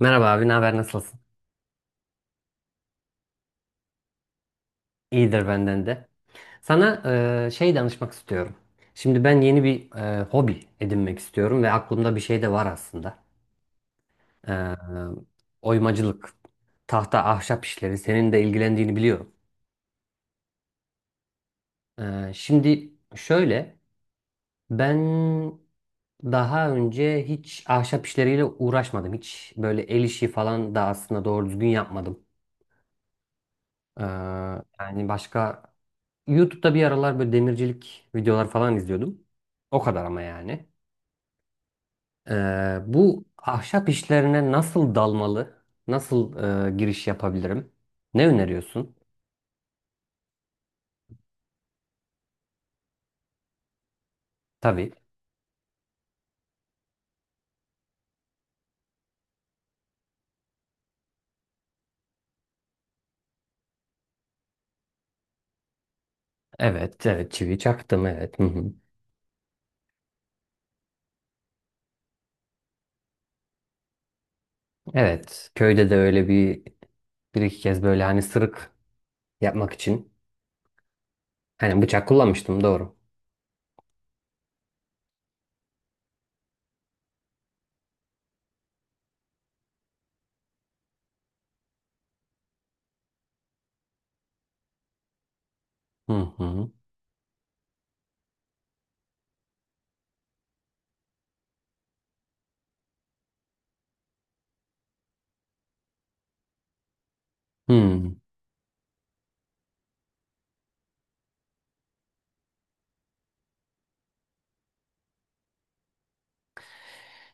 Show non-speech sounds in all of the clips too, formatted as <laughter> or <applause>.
Merhaba abi, ne haber, nasılsın? İyidir benden de. Sana şey danışmak istiyorum. Şimdi ben yeni bir hobi edinmek istiyorum ve aklımda bir şey de var aslında. E, Oymacılık, tahta, ahşap işleri senin de ilgilendiğini biliyorum. Şimdi şöyle, ben daha önce hiç ahşap işleriyle uğraşmadım. Hiç böyle el işi falan da aslında doğru düzgün yapmadım. E, Yani başka YouTube'da bir aralar böyle demircilik videolar falan izliyordum. O kadar ama yani. Bu ahşap işlerine nasıl dalmalı? Nasıl giriş yapabilirim? Ne öneriyorsun? Tabii. Evet, evet, çivi çaktım, evet. Hı hı. Evet, köyde de öyle bir iki kez böyle hani sırık yapmak için hani bıçak kullanmıştım, doğru. Hı hı. Hı.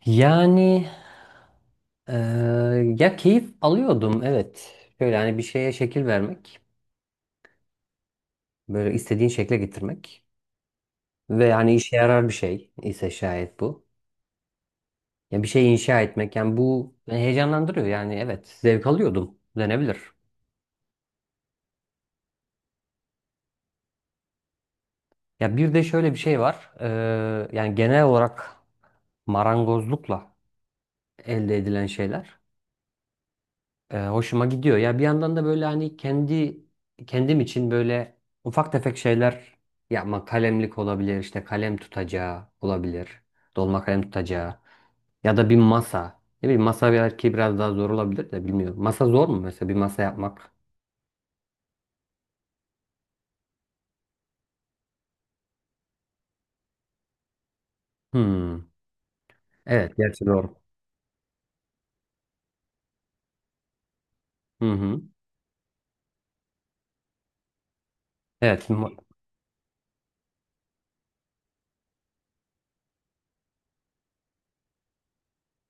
Yani e, ya keyif alıyordum, evet. Şöyle hani bir şeye şekil vermek. Böyle istediğin şekle getirmek. Ve yani işe yarar bir şey ise şayet bu. Ya bir şey inşa etmek yani bu beni heyecanlandırıyor. Yani evet zevk alıyordum denebilir. Ya bir de şöyle bir şey var. Yani genel olarak marangozlukla elde edilen şeyler hoşuma gidiyor. Ya bir yandan da böyle hani kendi kendim için böyle ufak tefek şeyler yapmak, kalemlik olabilir, işte kalem tutacağı olabilir, dolma kalem tutacağı. Ya da bir masa. Ne bileyim, masa belki biraz daha zor olabilir de bilmiyorum. Masa zor mu mesela, bir masa yapmak? Hmm. Evet, gerçi doğru. Hı hı. Evet.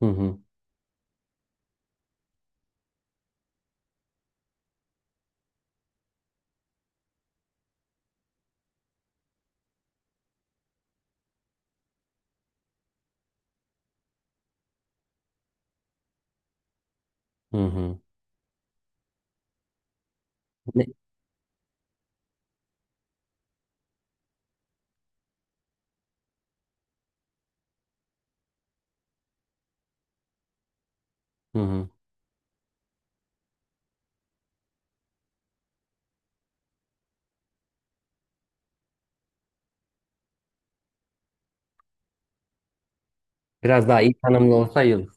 Hı hı. Hı hı. Ne? Hı hı. Biraz daha iyi tanımlı olsa iyi.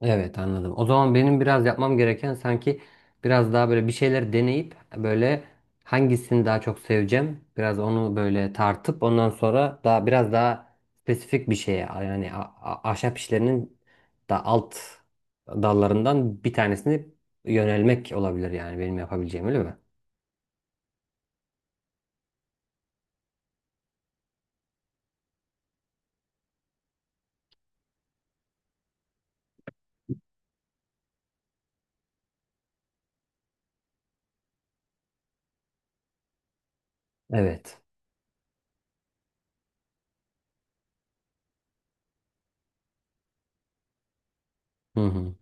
Evet, anladım. O zaman benim biraz yapmam gereken sanki biraz daha böyle bir şeyler deneyip, böyle hangisini daha çok seveceğim biraz onu böyle tartıp ondan sonra daha biraz daha spesifik bir şeye, yani ahşap işlerinin da alt dallarından bir tanesini yönelmek olabilir, yani benim yapabileceğim, öyle mi? Evet. Hı hı.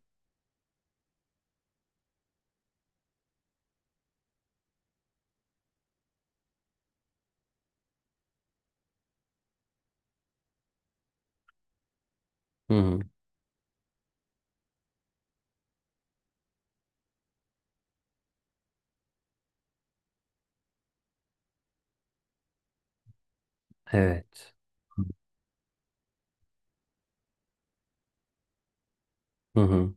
Hı hı. Evet. Hı hı.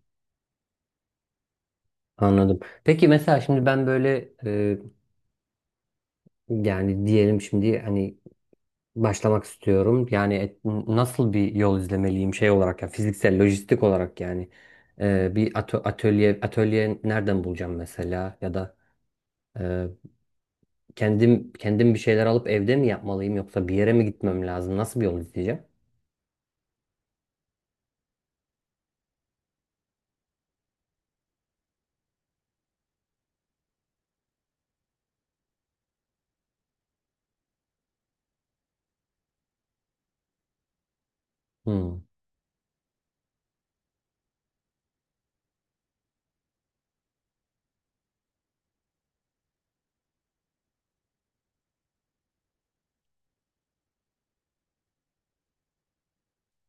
Anladım. Peki mesela şimdi ben böyle yani diyelim şimdi hani başlamak istiyorum. Yani nasıl bir yol izlemeliyim şey olarak, ya fiziksel, lojistik olarak yani. Bir atölye nereden bulacağım mesela, ya da e, kendim bir şeyler alıp evde mi yapmalıyım, yoksa bir yere mi gitmem lazım? Nasıl bir yol izleyeceğim? Hmm,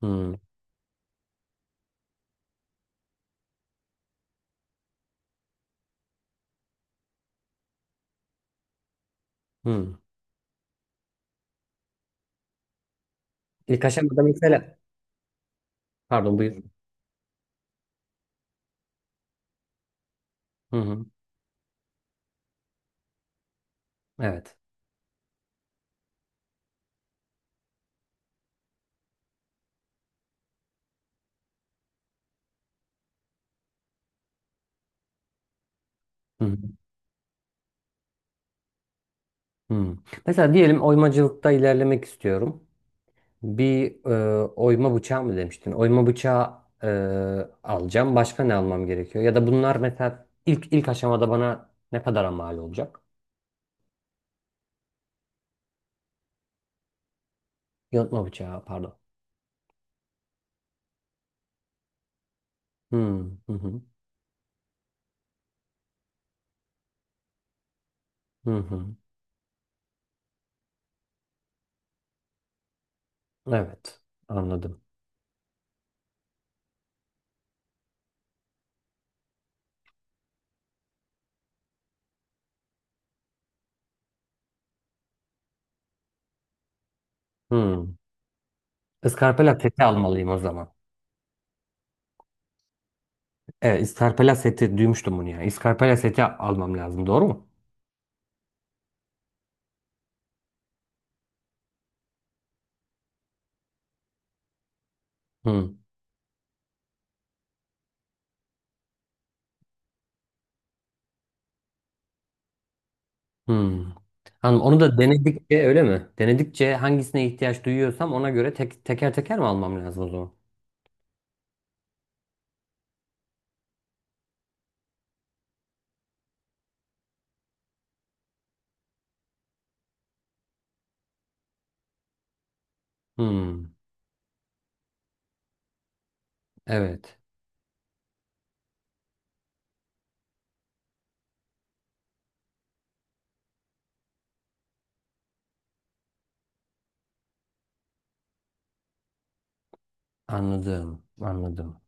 hmm, hmm. İlk aşamada mesela, pardon, buyur. Hı hı. Evet. Hı hı. Hı. Mesela diyelim oymacılıkta ilerlemek istiyorum. Bir oyma bıçağı mı demiştin? Oyma bıçağı alacağım. Başka ne almam gerekiyor? Ya da bunlar mesela ilk aşamada bana ne kadara mal olacak? Yontma bıçağı, pardon. Hmm, hı hı, hı hı. Evet, anladım. Hmm. Iskarpela seti almalıyım o zaman. Evet, iskarpela seti duymuştum bunu ya. Iskarpela seti almam lazım, doğru mu? Hmm, hmm. Hanım, onu da denedikçe, öyle mi? Denedikçe hangisine ihtiyaç duyuyorsam ona göre teker teker mi almam lazım o zaman? Hmm. Evet, anladım, anladım.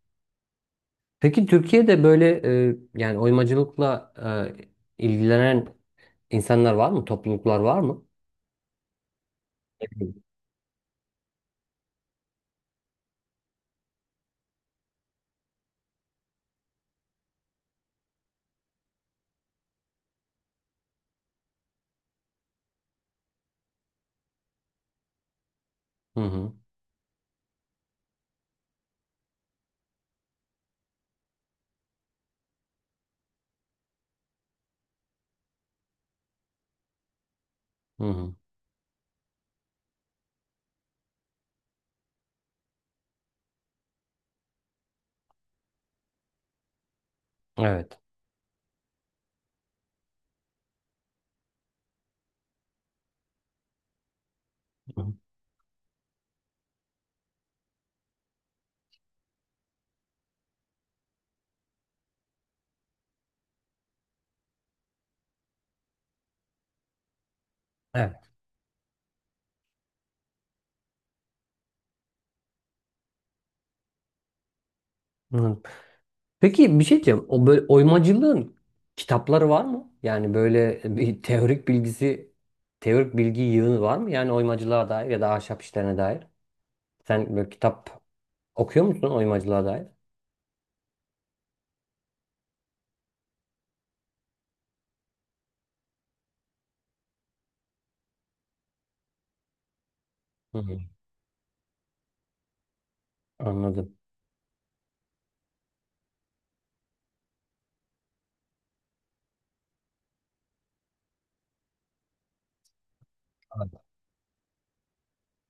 Peki Türkiye'de böyle yani oymacılıkla ilgilenen insanlar var mı? Topluluklar var mı? Hı hı, hı hı. Evet. Hı hı. Evet. Hı hı. Peki bir şey diyeceğim. O böyle oymacılığın kitapları var mı? Yani böyle bir <laughs> teorik bilgisi, teorik bilgi yığını var mı? Yani oymacılığa dair ya da ahşap işlerine dair. Sen böyle kitap okuyor musun oymacılığa dair? Hı hı. Anladım.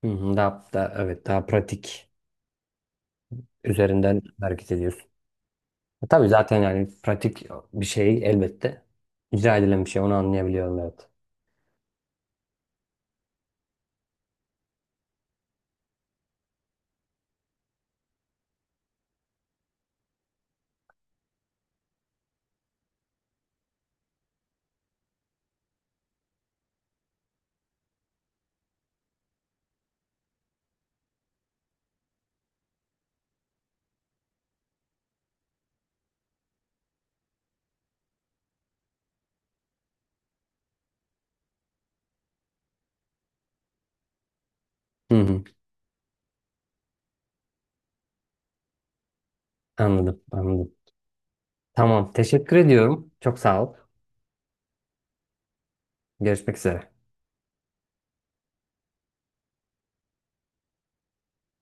Hı hı, evet, daha pratik üzerinden hareket ediyorsun. Tabii zaten, yani pratik bir şey elbette. İcra edilen bir şey, onu anlayabiliyorum, evet. Hı hı, anladım, anladım. Tamam, teşekkür ediyorum. Çok sağ ol. Görüşmek üzere.